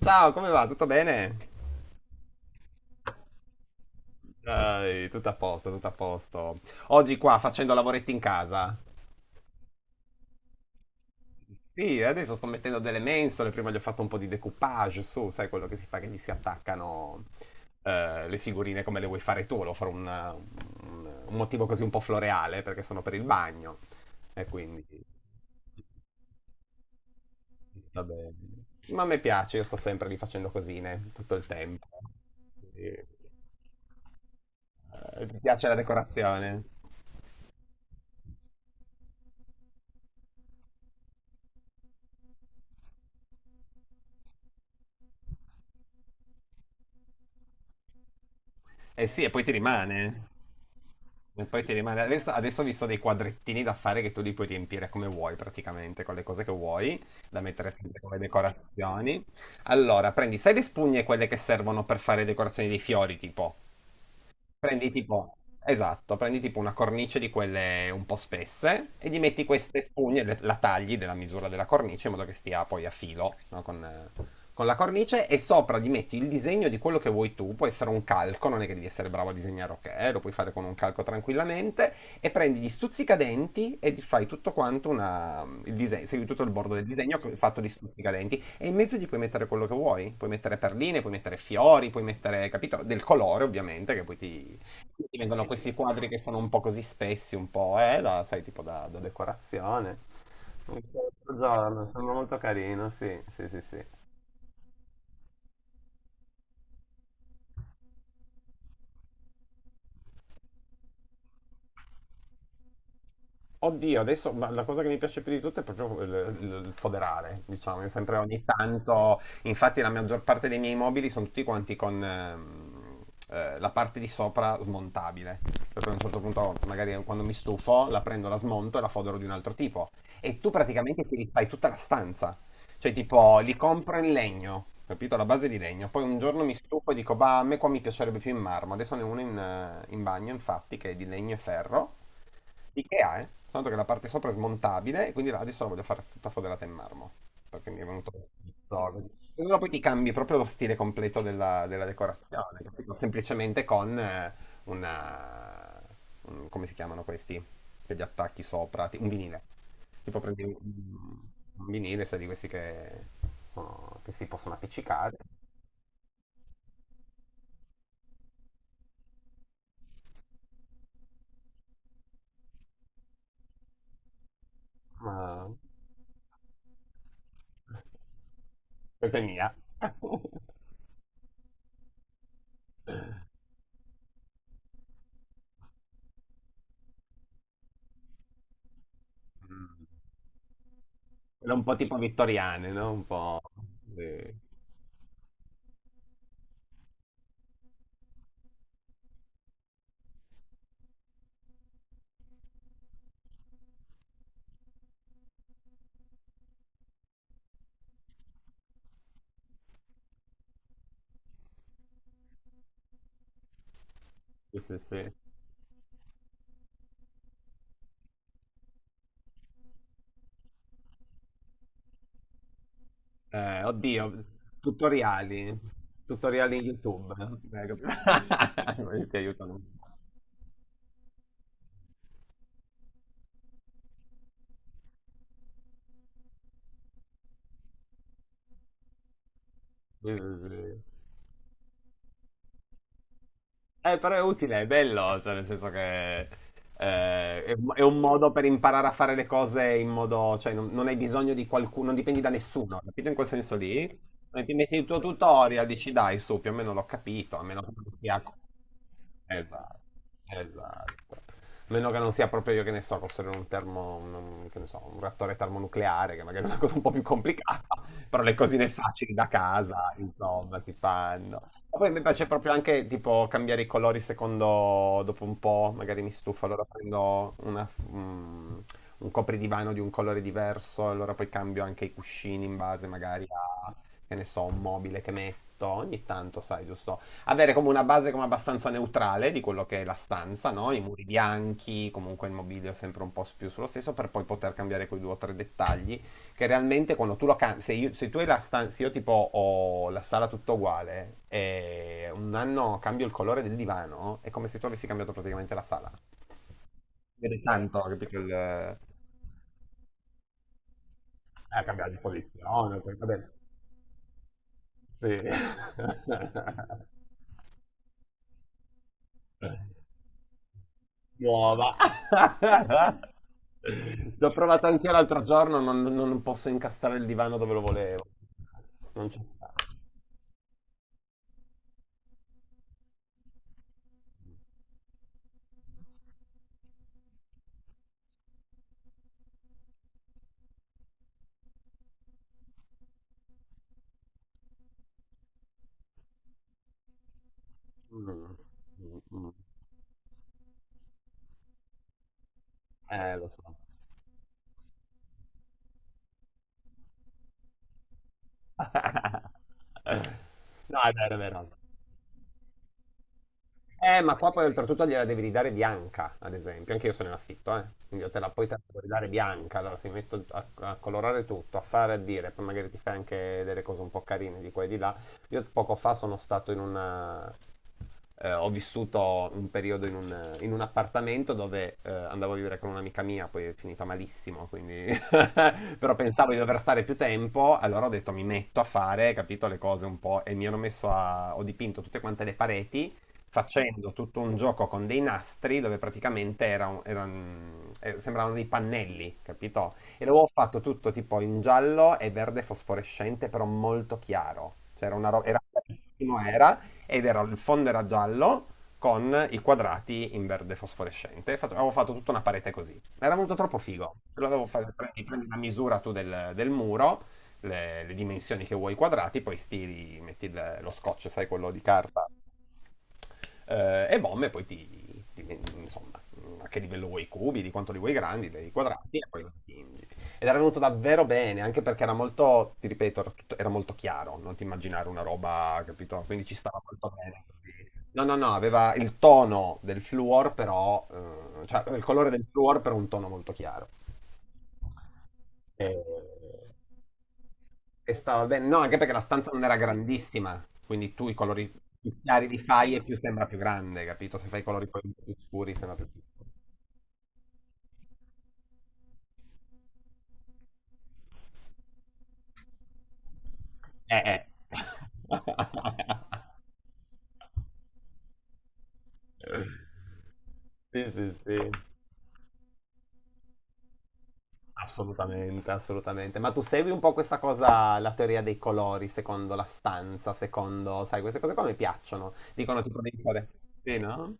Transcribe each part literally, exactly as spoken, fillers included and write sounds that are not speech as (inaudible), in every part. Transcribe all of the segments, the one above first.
Ciao, come va? Tutto bene? Dai, tutto a posto, tutto a posto. Oggi qua facendo lavoretti in casa. Sì, adesso sto mettendo delle mensole, prima gli ho fatto un po' di decoupage su, sai quello che si fa che gli si attaccano eh, le figurine come le vuoi fare tu, volevo fare un, un- un motivo così un po' floreale perché sono per il bagno e quindi... Va bene. Ma a me piace, io sto sempre lì facendo cosine tutto il tempo. E- eh, Mi piace la decorazione. Eh sì, e poi ti rimane. E poi ti rimane. Adesso, adesso ho visto dei quadrettini da fare che tu li puoi riempire come vuoi praticamente, con le cose che vuoi, da mettere sempre come decorazioni. Allora, prendi, sai le spugne quelle che servono per fare decorazioni dei fiori, tipo? Prendi tipo, esatto, prendi tipo una cornice di quelle un po' spesse e gli metti queste spugne, le- la tagli della misura della cornice in modo che stia poi a filo, no, con, eh, con la cornice e sopra gli metti il disegno di quello che vuoi tu, può essere un calco, non è che devi essere bravo a disegnare, ok, lo puoi fare con un calco tranquillamente e prendi gli stuzzicadenti e gli fai tutto quanto una, il disegno, segui tutto il bordo del disegno fatto di stuzzicadenti e in mezzo gli puoi mettere quello che vuoi, puoi mettere perline, puoi mettere fiori, puoi mettere, capito, del colore ovviamente, che poi ti, ti vengono questi quadri che sono un po' così spessi, un po', eh, da, sai, tipo da, da decorazione. Un altro giorno, sembra molto carino, sì, sì, sì, sì. Oddio, adesso ma la cosa che mi piace più di tutto è proprio il, il- il foderare, diciamo, io sempre ogni tanto, infatti la maggior parte dei miei mobili sono tutti quanti con ehm, eh, la parte di sopra smontabile, per cui a un certo punto magari quando mi stufo la prendo, la smonto e la fodero di un altro tipo e tu praticamente ti rifai tutta la stanza, cioè, tipo, li compro in legno, capito? La base di legno. Poi un giorno mi stufo e dico, bah, a me qua mi piacerebbe più in marmo. Adesso ne ho uno in, eh, in bagno, infatti, che è di legno e ferro. Ikea, eh? Tanto che la parte sopra è smontabile, e quindi là adesso la voglio fare tutta foderata in marmo. Perché mi è venuto il zorro. E allora poi ti cambi proprio lo stile completo della, della decorazione, capito? Semplicemente con eh, una... un- come si chiamano questi? Che gli attacchi sopra, ti- un vinile. Tipo prendi un, un, vinile, sai, di questi che, oh, che si possono appiccicare. Ma... Questa è mia. (laughs) Mm. Quella un po' tipo vittoriane, no? Un po'... Sì, sì, sì, sì. Eh, oddio, tutoriali. Tutoriali in YouTube. (laughs) eh, Eh, capito? (laughs) Ti aiutano. Sì, sì, sì. Eh, però è utile, è bello, cioè nel senso che eh, è, è un modo per imparare a fare le cose in modo, cioè non, non hai bisogno di qualcuno, non dipendi da nessuno, capito in quel senso lì? E Ti metti il tuo tutorial, dici dai su, più o meno l'ho capito, a meno che non sia Esatto, esatto. A meno che non sia proprio io che ne so, costruire un termo, un- che ne so, un reattore termonucleare, che magari è una cosa un po' più complicata, (laughs) però le cosine facili da casa, insomma, si fanno. Ma poi mi piace proprio anche tipo cambiare i colori secondo, dopo un po', magari mi stufo, allora prendo una- mm, un copridivano di un colore diverso, allora poi cambio anche i cuscini in base magari a, che ne so, un mobile che metto, ogni tanto, sai, giusto? Avere come una base come abbastanza neutrale di quello che è la stanza, no? I muri bianchi, comunque il mobilio sempre un po' più sullo stesso, per poi poter cambiare quei due o tre dettagli, che realmente quando tu lo cambi, se, io- se tu hai la stanza, io tipo ho la sala tutta uguale, e un anno cambio il colore del divano, è come se tu avessi cambiato praticamente la sala. Vede tanto, capito? Il... Eh, cambia la disposizione, poi va bene. Sì. (laughs) Nuova. (laughs) Ci ho provato anche l'altro giorno, non, non posso incastrare il divano dove lo volevo. Non c'è stato. Mm, mm, mm. Eh, lo so. (laughs) No, è vero, è vero. Eh, ma qua poi oltretutto gliela devi ridare bianca, ad esempio. Anche io sono in affitto, eh. Quindi io te la poi te la devo ridare bianca. Allora si metto a, a colorare tutto, a fare, a dire. Poi magari ti fai anche delle cose un po' carine di qua e di là. Io poco fa sono stato in una, eh, ho vissuto un periodo in un, in un appartamento dove eh, andavo a vivere con un'amica mia, poi è finita malissimo, quindi (laughs) però pensavo di dover stare più tempo, allora ho detto mi metto a fare, capito, le cose un po' e mi hanno messo a... ho dipinto tutte quante le pareti facendo tutto un gioco con dei nastri dove praticamente era un- era un- eh, sembravano dei pannelli, capito? E l'avevo fatto tutto tipo in giallo e verde fosforescente, però molto chiaro. Cioè era una roba, era bellissimo, era, ed era, il fondo era giallo con i quadrati in verde fosforescente. Fatto- avevo fatto tutta una parete così. Era venuto troppo figo. Lo avevo fatto, prendi, prendi la misura tu del, del muro, le, le dimensioni che vuoi quadrati, poi stiri, metti il- lo scotch, sai, quello di carta eh, e BOM e poi ti, ti- insomma, a che livello vuoi i cubi, di quanto li vuoi grandi, li quadrati e poi lo dipingi. Ed era venuto davvero bene, anche perché era molto, ti ripeto, era, tutto- era molto chiaro, non ti immaginare una roba, capito? Quindi ci stava molto bene. così. No, no, no, aveva il tono del fluor, però, eh, cioè il colore del fluor, però un tono molto chiaro. Eh, e stava bene, no, anche perché la stanza non era grandissima, quindi tu i colori più chiari li fai e più sembra più grande, capito? Se fai i colori poi più scuri sembra più piccolo. Eh, eh. (laughs) Sì, sì, sì. Assolutamente, assolutamente. Ma tu segui un po' questa cosa, la teoria dei colori, secondo la stanza, secondo, sai, queste cose qua mi piacciono. Dicono tipo dei colori. Sì, no?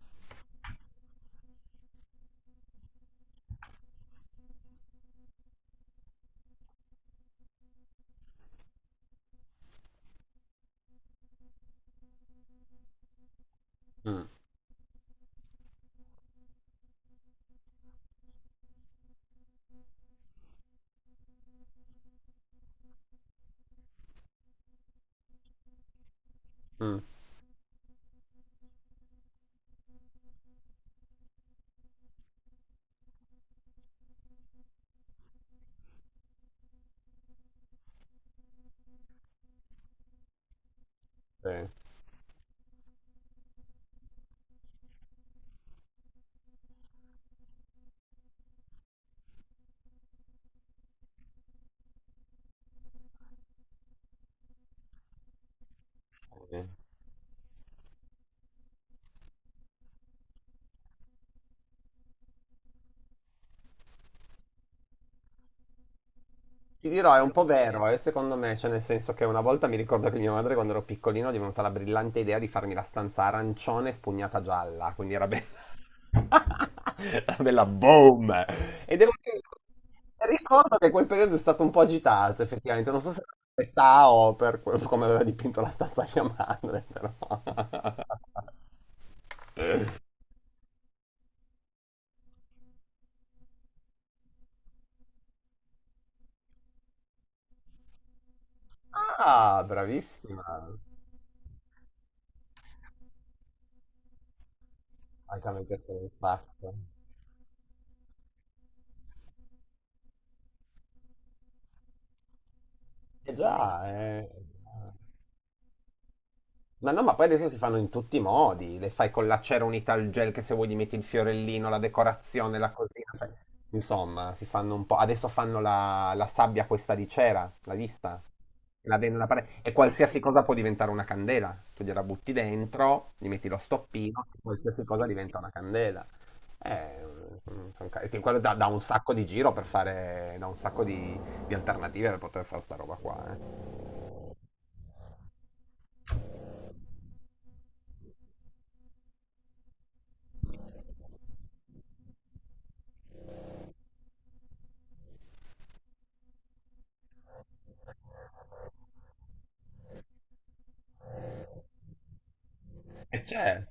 Mm, mm, sì. Sì. Ti dirò, è un po' vero, eh, secondo me, cioè nel senso che una volta mi ricordo che mia madre quando ero piccolino è venuta la brillante idea di farmi la stanza arancione spugnata gialla, quindi era bella, (laughs) era bella boom! E devo dire, ricordo che quel periodo è stato un po' agitato, effettivamente, non so se era per l'età o per que- come aveva dipinto la stanza mia madre, però... (laughs) Ah, bravissima! Anche a me piaceva un sacco. Eh già, eh. Ma no, ma poi adesso si fanno in tutti i modi. Le fai con la cera unita al gel che se vuoi gli metti il fiorellino, la decorazione, la cosina. cioè, Insomma, si fanno un po'. Adesso fanno la, la sabbia questa di cera, l'hai vista? Che La vendono alla parete. E qualsiasi cosa può diventare una candela. Tu gliela butti dentro, gli metti lo stoppino, qualsiasi cosa diventa una candela. Eh, mm, son ca- che quello dà, dà, un sacco di giro per fare, dà un sacco di, di alternative per poter fare sta roba qua, eh. E c'è.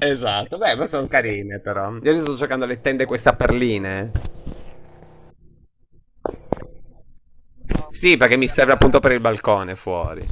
Esatto, beh, ma sono carine però. Io adesso sto cercando le tende questa perline. Sì, perché mi serve appunto per il balcone fuori.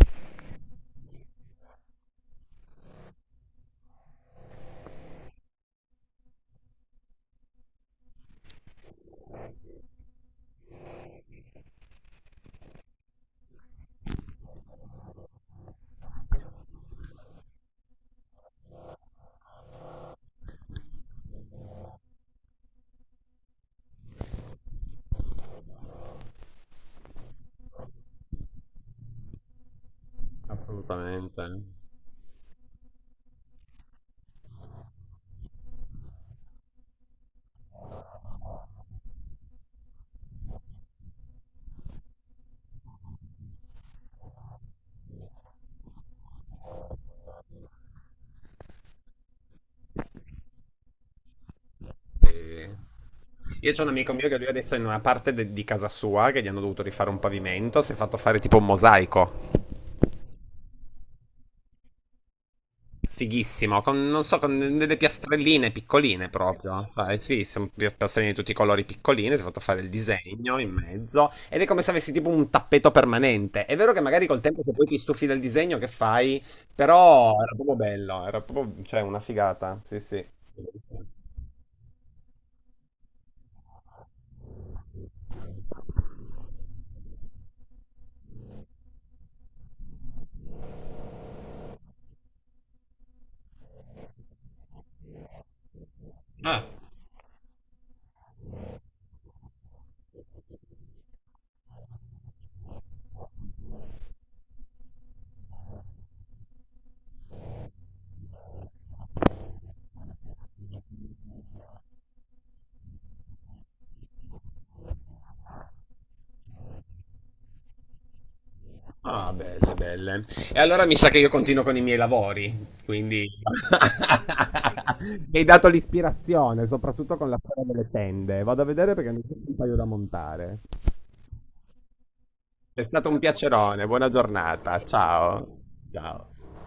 Assolutamente. E- Io c'ho un amico mio che lui adesso è in una parte de- di casa sua che gli hanno dovuto rifare un pavimento, si è fatto fare tipo un mosaico. Fighissimo, con, non so, con delle piastrelline piccoline proprio, sai? Sì, sono piastrelline di tutti i colori piccoline, si è fatto fare il disegno in mezzo ed è come se avessi tipo un tappeto permanente. È vero che magari col tempo se poi ti stufi del disegno che fai, però era proprio bello, era proprio, cioè, una figata, sì sì. Ah, Ah, belle, belle. E allora mi sa che io continuo con i miei lavori, quindi... (laughs) Mi hai dato l'ispirazione, soprattutto con la storia delle tende. Vado a vedere perché ne ho un paio da montare. È stato un piacerone, buona giornata, ciao. Ciao.